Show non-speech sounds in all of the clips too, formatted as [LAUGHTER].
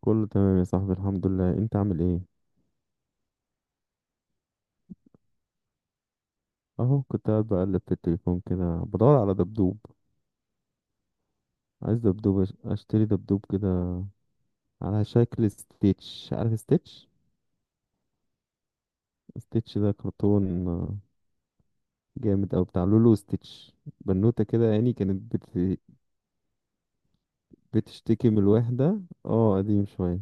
كله تمام يا صاحبي، الحمد لله. انت عامل ايه؟ اهو كنت قاعد بقلب في التليفون كده بدور على دبدوب. عايز دبدوب، اشتري دبدوب كده على شكل ستيتش. عارف ستيتش؟ ستيتش ده كرتون، جامد. او بتاع لولو. ستيتش بنوتة كده، يعني كانت بتشتكي من الوحدة. اه قديم شوية.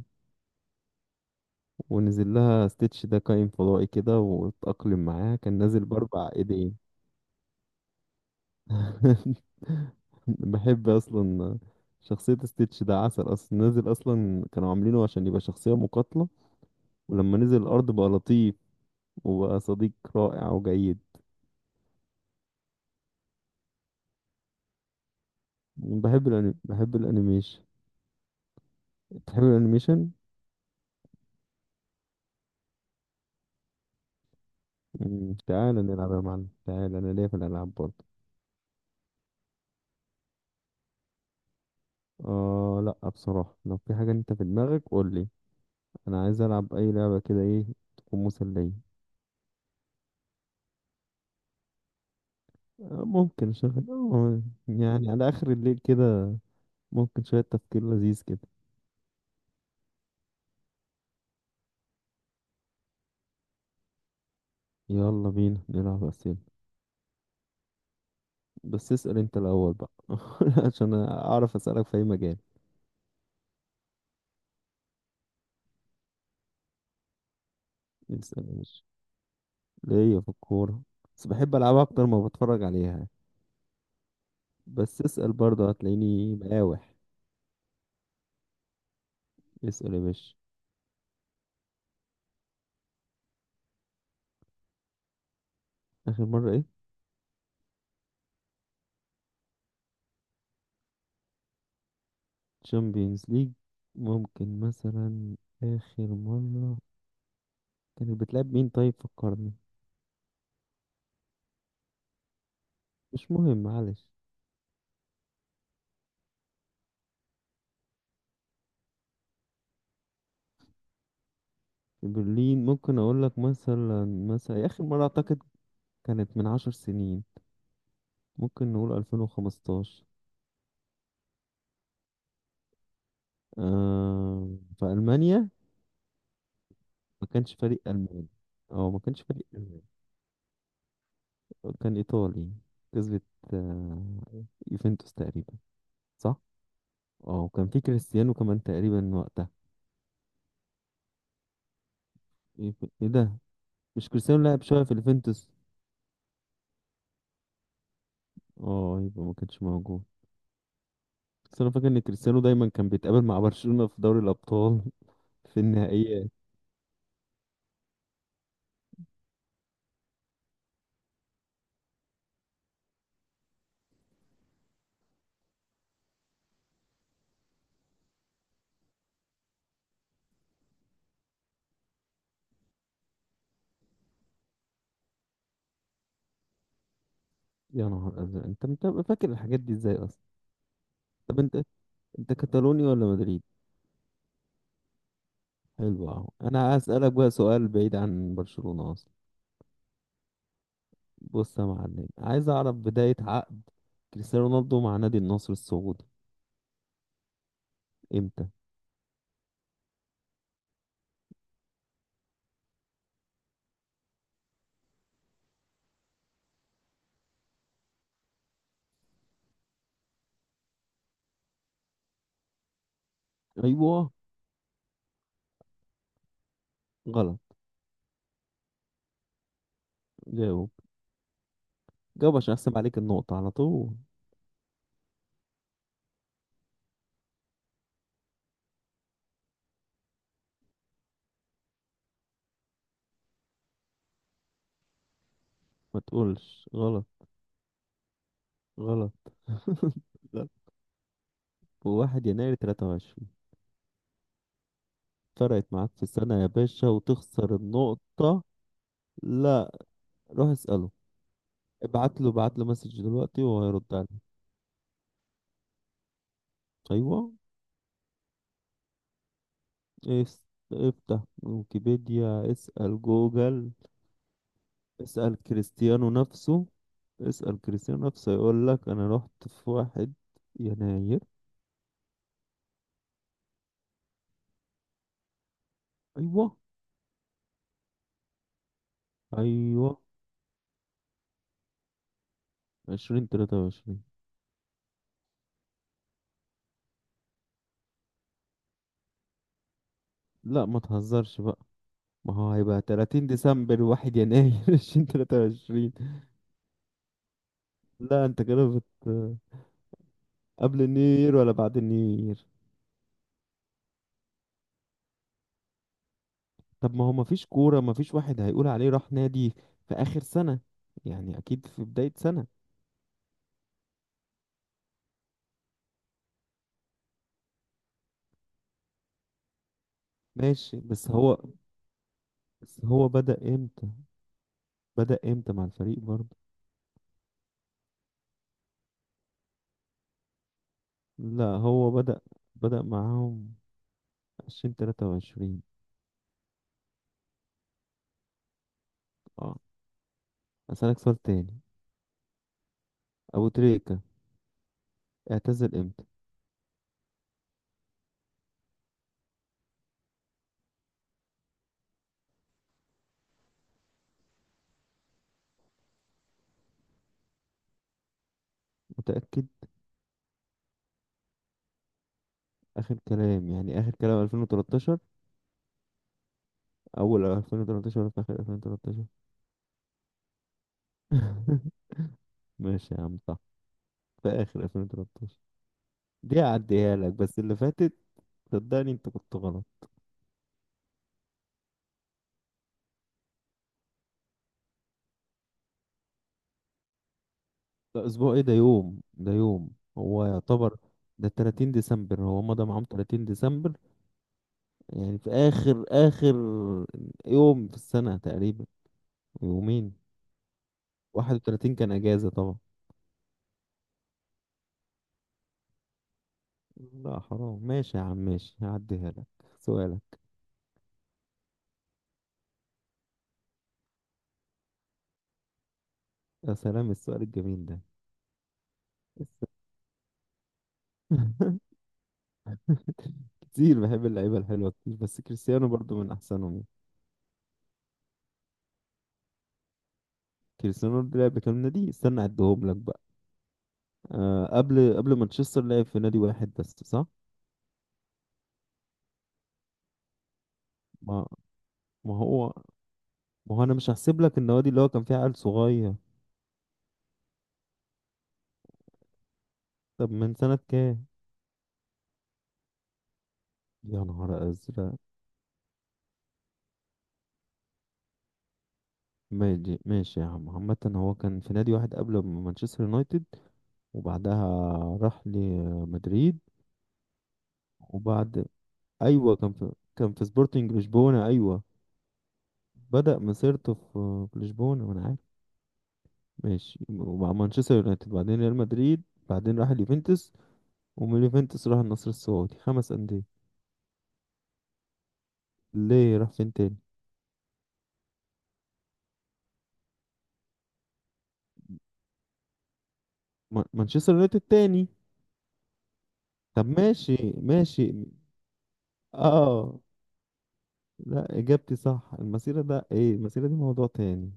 ونزل لها ستيتش ده كائن فضائي كده واتأقلم معاها. كان نازل بأربع ايدين. [LAUGHS] بحب اصلا شخصية ستيتش، ده عسل اصلا. نزل اصلا كانوا عاملينه عشان يبقى شخصية مقاتلة، ولما نزل الارض بقى لطيف وبقى صديق رائع وجيد. بحب الانمي، بحب الانيميشن. بتحب الانيميشن؟ مم، تعال نلعب يا معلم. تعال، انا ليا في الالعاب برضه. اه لا، بصراحة لو في حاجة انت في دماغك قول لي. انا عايز العب اي لعبة كده، ايه تكون مسلية. ممكن اشغل، يعني على اخر الليل كده، ممكن شوية تفكير لذيذ كده. يلا بينا نلعب أسئلة. بس اسأل أنت الأول بقى [LAUGHS] عشان أعرف أسألك في أي مجال. اسأل ماشي. ليا في الكورة، بس بحب ألعبها أكتر ما بتفرج عليها. بس اسأل برضه هتلاقيني مقاوح. اسأل يا باشا. آخر مرة إيه؟ تشامبيونز ليج. ممكن مثلا. آخر مرة كانت بتلعب مين؟ طيب فكرني. مش مهم، معلش. في برلين، ممكن أقول لك مثلا. مثلا آخر مرة أعتقد كانت من عشر سنين. ممكن نقول 2015. آه، في ألمانيا. ما كانش فريق ألماني، أو ما كانش فريق ألماني. كان إيطالي، كسبت، آه، يوفنتوس تقريبا. صح؟ اه، وكان في كريستيانو كمان تقريبا وقتها. ايه إيه ده. مش كريستيانو لعب شوية في اليوفنتوس؟ اه، يبقى ما كانش موجود. بس انا فاكر ان كريستيانو دايما كان بيتقابل مع برشلونة في دوري الابطال، [LAUGHS] في النهائيات. يا نهار ازرق، انت بتبقى فاكر الحاجات دي ازاي اصلا؟ طب انت، انت كتالوني ولا مدريد؟ حلو، اهو انا هسألك بقى سؤال بعيد عن برشلونة اصلا. بص يا معلم، عايز اعرف بداية عقد كريستيانو رونالدو مع نادي النصر السعودي امتى. ايوه، غلط. جاوب، جاوب عشان احسب عليك النقطة على طول. ما تقولش غلط. غلط؟ [LAUGHS] غلط. واحد يناير 23. فرقت معاك في السنة يا باشا وتخسر النقطة. لا، روح اسأله. ابعت له، ابعت له مسج دلوقتي وهيرد عليك. ايوه، اس- افتح ويكيبيديا، اسأل جوجل. اسأل كريستيانو نفسه. اسأل كريستيانو نفسه يقول لك انا رحت في واحد يناير. ايوه، ايوه، عشرين تلاتة وعشرين. لا ما تهزرش بقى. ما هو هيبقى تلاتين ديسمبر واحد يناير، [LAUGHS] عشرين تلاتة وعشرين. لا انت كده بت. قبل النيو يير ولا بعد النيو يير؟ طب ما هو ما فيش كورة. ما فيش واحد هيقول عليه راح نادي في آخر سنة، يعني اكيد في بداية سنة. ماشي، بس هو بدأ امتى. بدأ امتى مع الفريق برضه. لا، هو بدأ، بدأ معاهم عشرين تلاتة وعشرين. اه، أسألك سؤال تاني. أبو تريكة اعتزل امتى؟ متأكد؟ آخر كلام يعني، آخر كلام ألفين وتلاتاشر؟ أول ألفين وتلاتاشر ولا في آخر ألفين وتلاتاشر؟ [LAUGHS] ماشي يا عم، صح، في آخر ألفين وتلاتاشر. دي هعديها لك، بس اللي فاتت صدقني أنت كنت غلط. ده أسبوع إيه؟ ده يوم، ده يوم. هو يعتبر ده 30 ديسمبر. هو مضى معاهم 30 ديسمبر، يعني في آخر آخر يوم في السنة تقريبا. يومين. 31 كان اجازه طبعا. لا حرام، ماشي يا عم، ماشي هعديها لك. سؤالك. يا سلام السؤال الجميل ده. [LAUGHS] كتير بحب اللعيبة الحلوة كتير، بس كريستيانو برضو من أحسنهم يعني. كريستيانو برضو لعب كام نادي؟ استنى أعدهم لك بقى. آه، قبل مانشستر لعب في نادي واحد بس صح. ما ما هو ما هو أنا مش هحسب لك النوادي اللي هو كان فيها عيل صغير. طب من سنة كام؟ يا نهار أزرق. ماشي ماشي يا عم، عامة هو كان في نادي واحد قبل مانشستر يونايتد وبعدها راح لمدريد. وبعد، ايوه، كان في سبورتنج لشبونه. ايوه بدأ مسيرته في لشبونه، وانا عارف. ماشي، ومع مانشستر يونايتد بعدين ريال مدريد بعدين راح اليوفنتوس. ومن اليوفنتوس راح النصر السعودي. خمس أندية. ليه، راح فين تاني؟ مانشستر يونايتد تاني. طب ماشي، ماشي. اه لا، اجابتي صح. المسيرة ده ايه؟ المسيرة دي موضوع تاني.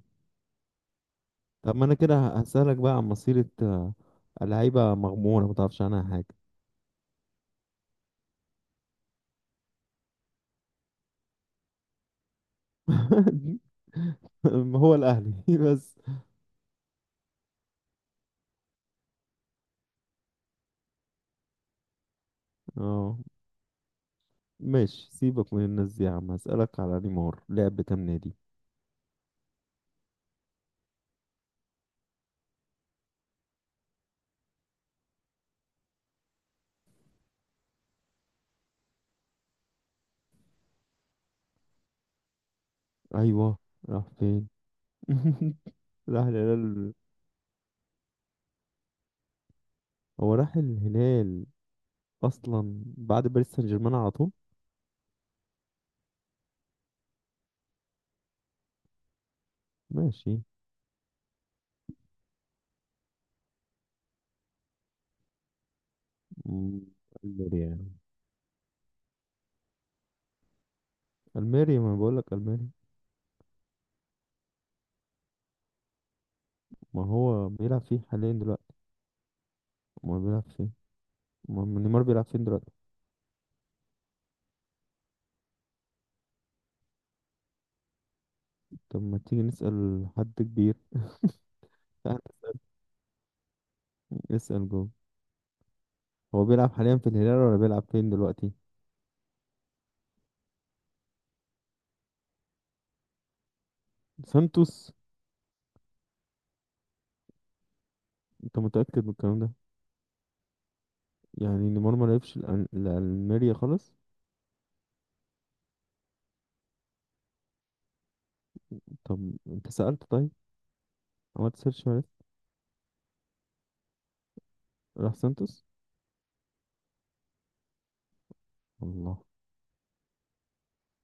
طب ما انا كده هسألك بقى عن مسيرة، لعيبة مغمورة ما تعرفش عنها حاجة. [LAUGHS] هو الأهلي [LAUGHS] بس. اه ماشي، سيبك من الناس دي يا عم. هسألك على نيمار، لعب كام نادي؟ ايوه، راح فين؟ [LAUGHS] راح الهلال. هو راح الهلال اصلا بعد باريس سان جيرمان على طول. ماشي، م، الميريا يعني. الميريا، ما بقول لك الميريا. ما هو بيلعب فيه حاليا دلوقتي. ما هو بيلعب فيه. ما نيمار بيلعب فين دلوقتي؟ طب ما تيجي نسأل حد كبير. [LAUGHS] نسأل جوه. هو بيلعب حاليا في الهلال ولا بيلعب فين دلوقتي؟ سانتوس؟ انت متأكد من الكلام ده؟ يعني نيمار ما لعبش الألميريا خالص؟ طب انت سألت طيب، عملت سيرش عرفت. راح سانتوس. الله.